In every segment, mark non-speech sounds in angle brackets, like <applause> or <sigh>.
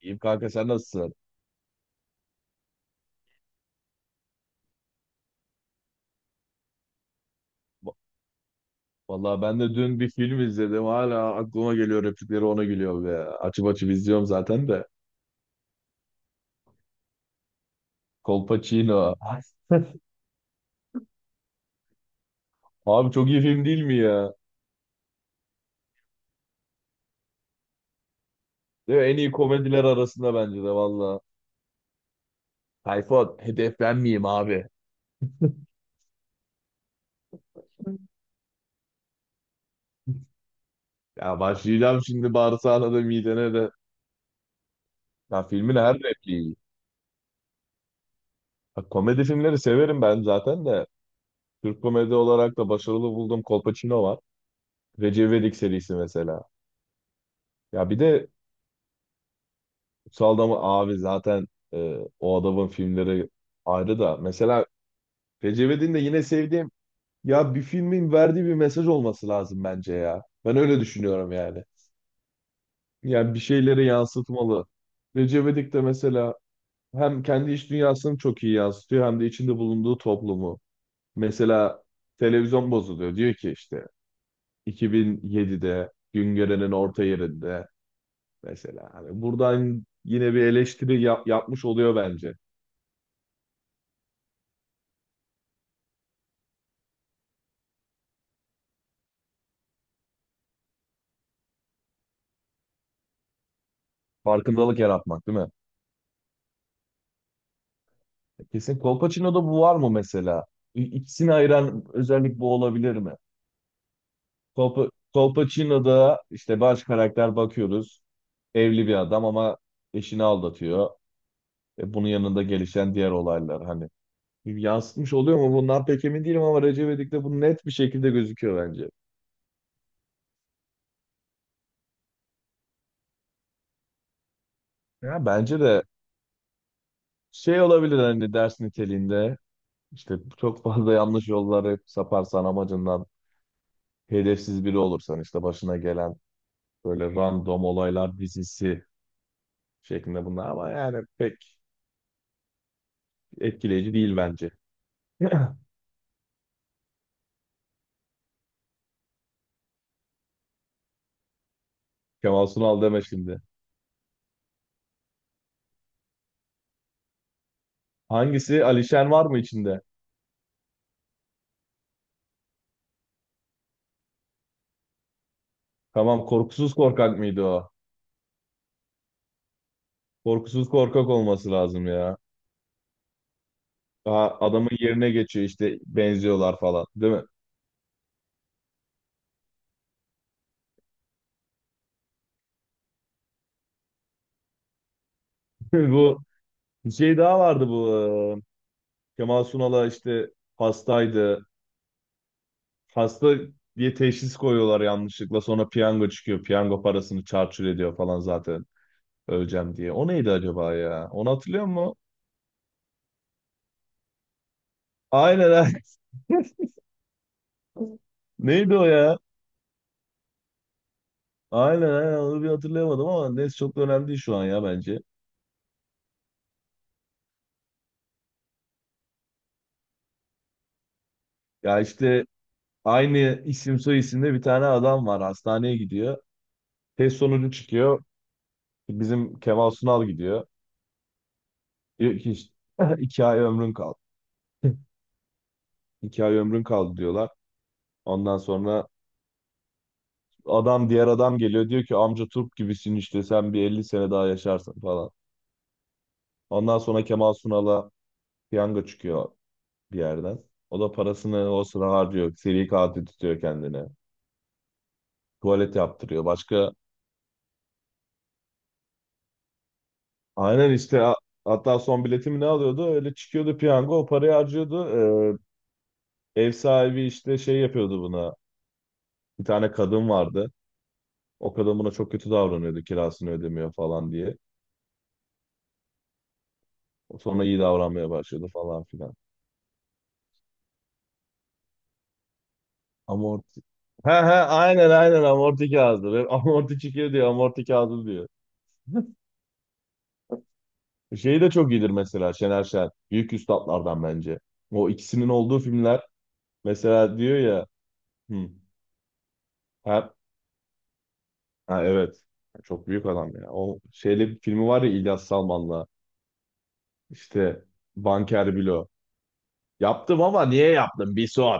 İyiyim kanka sen nasılsın? Va- Vallahi ben de dün bir film izledim. Hala aklıma geliyor replikleri ona gülüyor be. Açıp açıp izliyorum zaten de. Colpacino. Ay, abi çok iyi film değil mi ya? Değil mi? En iyi komediler arasında bence de valla. Tayfun hedef ben miyim abi? Ya başlayacağım şimdi bağırsağına da midene de. Ya filmin her repliği iyi. Bak, komedi filmleri severim ben zaten de. Türk komedi olarak da başarılı bulduğum Kolpaçino var. Recep İvedik serisi mesela. Ya bir de Kutsal mı abi zaten o adamın filmleri ayrı da. Mesela Recep de yine sevdiğim ya bir filmin verdiği bir mesaj olması lazım bence ya. Ben öyle düşünüyorum yani. Yani bir şeyleri yansıtmalı. Recep İvedik de mesela hem kendi iç dünyasını çok iyi yansıtıyor hem de içinde bulunduğu toplumu. Mesela televizyon bozuluyor. Diyor ki işte 2007'de Güngören'in orta yerinde mesela. Hani buradan yine bir eleştiri yapmış oluyor bence. Farkındalık yaratmak değil mi? Kesin. Kolpaçino'da bu var mı mesela? İkisini ayıran özellik bu olabilir mi? Kolpa, Kolpaçino'da işte baş karakter bakıyoruz. Evli bir adam ama eşini aldatıyor. Bunun yanında gelişen diğer olaylar hani. Yansıtmış oluyor mu? Bundan pek emin değilim ama Recep İvedik'te bu net bir şekilde gözüküyor bence. Ya bence de şey olabilir hani ders niteliğinde işte çok fazla yanlış yollara hep saparsan amacından hedefsiz biri olursan işte başına gelen böyle random olaylar dizisi şeklinde bunlar ama yani pek etkileyici değil bence. <clears throat> Kemal Sunal deme şimdi. Hangisi? Alişen var mı içinde? Tamam, Korkusuz Korkak mıydı o? Korkusuz Korkak olması lazım ya. Daha adamın yerine geçiyor işte benziyorlar falan değil mi? <laughs> Bu bir şey daha vardı bu. e, Kemal Sunal'a işte hastaydı. Hasta diye teşhis koyuyorlar yanlışlıkla. Sonra piyango çıkıyor. Piyango parasını çarçur ediyor falan zaten. Öleceğim diye. O neydi acaba ya? Onu hatırlıyor musun? Aynen, aynen. <laughs> Neydi o ya? Aynen, aynen, onu bir hatırlayamadım ama neyse çok da önemli değil şu an ya bence. Ya işte aynı isim soy isimde bir tane adam var, hastaneye gidiyor. Test sonucu çıkıyor. Bizim Kemal Sunal gidiyor. Diyor ki işte, <laughs> 2 ay ömrün kaldı. <laughs> İki ay ömrün kaldı diyorlar. Ondan sonra diğer adam geliyor, diyor ki amca turp gibisin, işte sen bir 50 sene daha yaşarsın falan. Ondan sonra Kemal Sunal'a piyango çıkıyor bir yerden. O da parasını o sıra harcıyor. Seri katil tutuyor kendine. Tuvalet yaptırıyor. Başka aynen işte hatta son biletimi ne alıyordu? Öyle çıkıyordu piyango. O parayı harcıyordu. Ev sahibi işte şey yapıyordu buna. Bir tane kadın vardı. O kadın buna çok kötü davranıyordu. Kirasını ödemiyor falan diye. Sonra iyi davranmaya başladı falan filan. Amorti. He he, aynen aynen, amorti kağıdı. Ve <laughs> amorti çıkıyor diyor. Amorti kağıdı diyor. Şey de çok iyidir mesela, Şener Şen. Büyük üstatlardan bence. O ikisinin olduğu filmler mesela, diyor ya, hı, her, ha, evet, çok büyük adam ya. O şeyli bir filmi var ya İlyas Salman'la, işte Banker Bilo. Yaptım ama niye yaptım bir sor.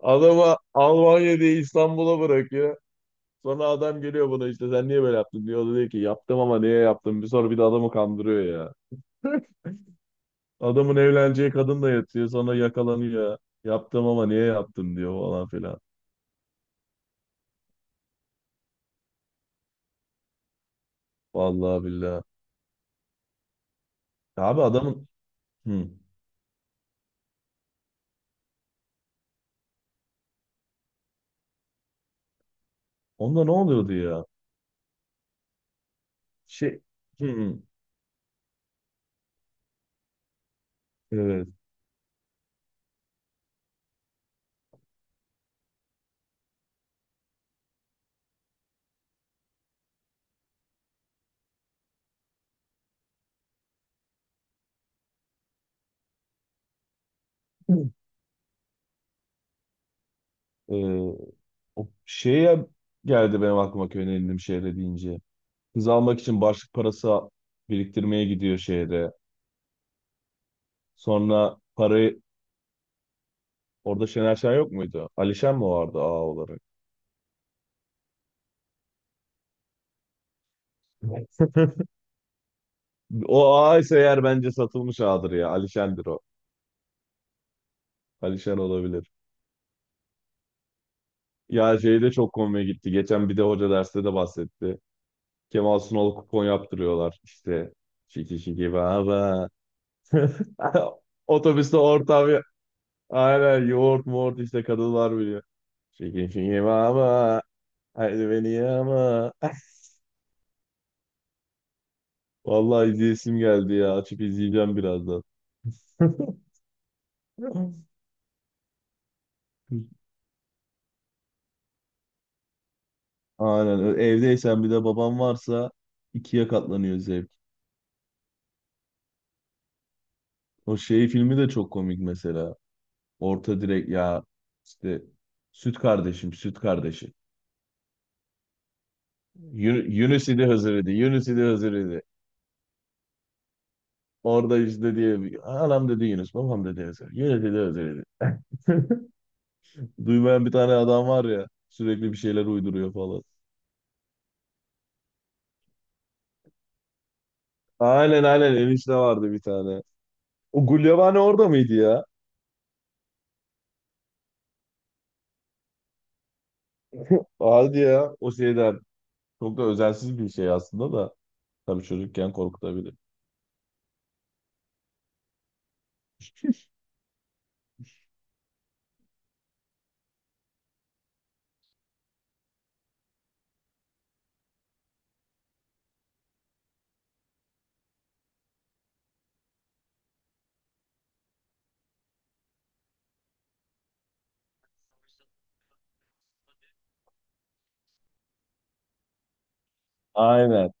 Adamı Almanya diye İstanbul'a bırakıyor. Sonra adam geliyor buna, işte sen niye böyle yaptın diyor. O da diyor ki yaptım ama niye yaptım bir sor, bir de adamı kandırıyor ya. Adamın evleneceği kadın da yatıyor, sonra yakalanıyor. Yaptım ama niye yaptım diyor falan filan. Vallahi billahi. Ya abi adamın hı. Onda ne oluyordu ya? Şey. Hı. Hı. Evet. <clears throat> Hı. O şeye geldi benim aklıma, köyün elindim şehre deyince. Kız almak için başlık parası biriktirmeye gidiyor şehre. Sonra parayı orada, Şener Şen yok muydu? Alişen mi vardı ağ olarak? O ağ ise eğer bence satılmış ağdır ya. Alişen'dir o. Alişen olabilir. Ya şey de çok komik gitti. Geçen bir de hoca derste de bahsetti. Kemal Sunal kupon yaptırıyorlar. İşte şiki şiki baba. <laughs> Otobüste ortam. Aynen, yoğurt muğurt işte kadınlar biliyor. Şiki şiki baba. Haydi beni yama. <laughs> Vallahi izleyesim geldi ya. Açıp izleyeceğim birazdan. <laughs> Aynen. Evdeysen bir de babam varsa ikiye katlanıyor zevk. O şey filmi de çok komik mesela. Orta direk ya, işte süt kardeşim, süt kardeşi. Yunus idi Hızır idi. Yunus idi Hızır idi. Orada işte diye, anam dedi Yunus, babam dedi Hızır. Yunus dedi Hızır idi. Duymayan bir tane adam var ya, sürekli bir şeyler uyduruyor falan. Aynen aynen, enişte vardı bir tane. O Gulyabani orada mıydı ya? <laughs> Hadi ya o şeyden. Çok da özensiz bir şey aslında da. Tabii çocukken korkutabilir. Aynen.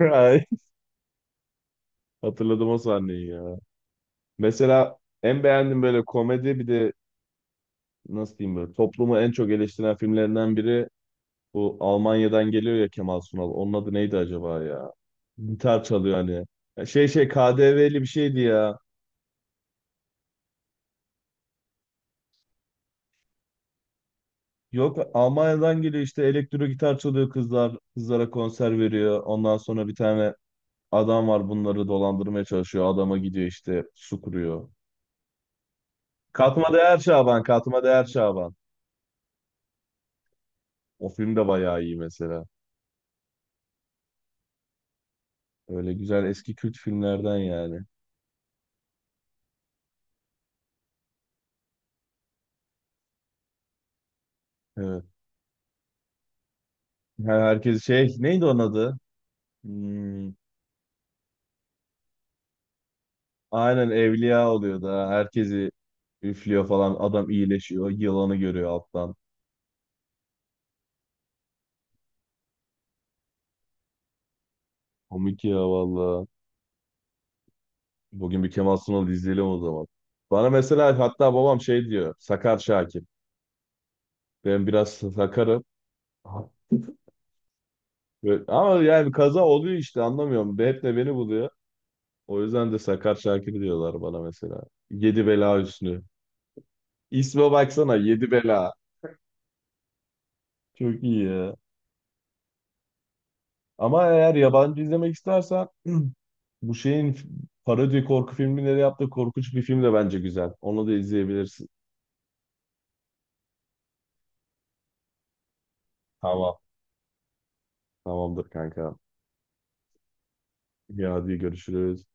<laughs> Ay, hatırladım o sahneyi ya. Mesela en beğendiğim böyle komedi, bir de nasıl diyeyim, böyle toplumu en çok eleştiren filmlerinden biri bu Almanya'dan geliyor ya Kemal Sunal. Onun adı neydi acaba ya? Gitar çalıyor hani. Ya Şey KDV'li bir şeydi ya. Yok, Almanya'dan geliyor işte, elektro gitar çalıyor kızlar. Kızlara konser veriyor. Ondan sonra bir tane adam var, bunları dolandırmaya çalışıyor. Adama gidiyor, işte su kuruyor. Katma Değer Şaban, Katma Değer Şaban. O film de bayağı iyi mesela. Öyle güzel eski kült filmlerden yani. Evet. Herkes şey, neydi onun adı? Hmm. Aynen, evliya oluyor da herkesi üflüyor falan, adam iyileşiyor, yılanı görüyor alttan. Komik ya valla. Bugün bir Kemal Sunal izleyelim o zaman. Bana mesela, hatta babam şey diyor, sakar Şakir. Ben biraz sakarım. Ama yani kaza oluyor işte, anlamıyorum. Hep de beni buluyor. O yüzden de sakar Şakir diyorlar bana mesela. Yedi bela üstü. İsme baksana, yedi bela. Çok iyi ya. Ama eğer yabancı izlemek istersen <clears throat> bu şeyin parodi korku filmleri yaptığı Korkunç Bir Film de bence güzel. Onu da izleyebilirsin. Tamam. Tamamdır kanka. Ya hadi görüşürüz.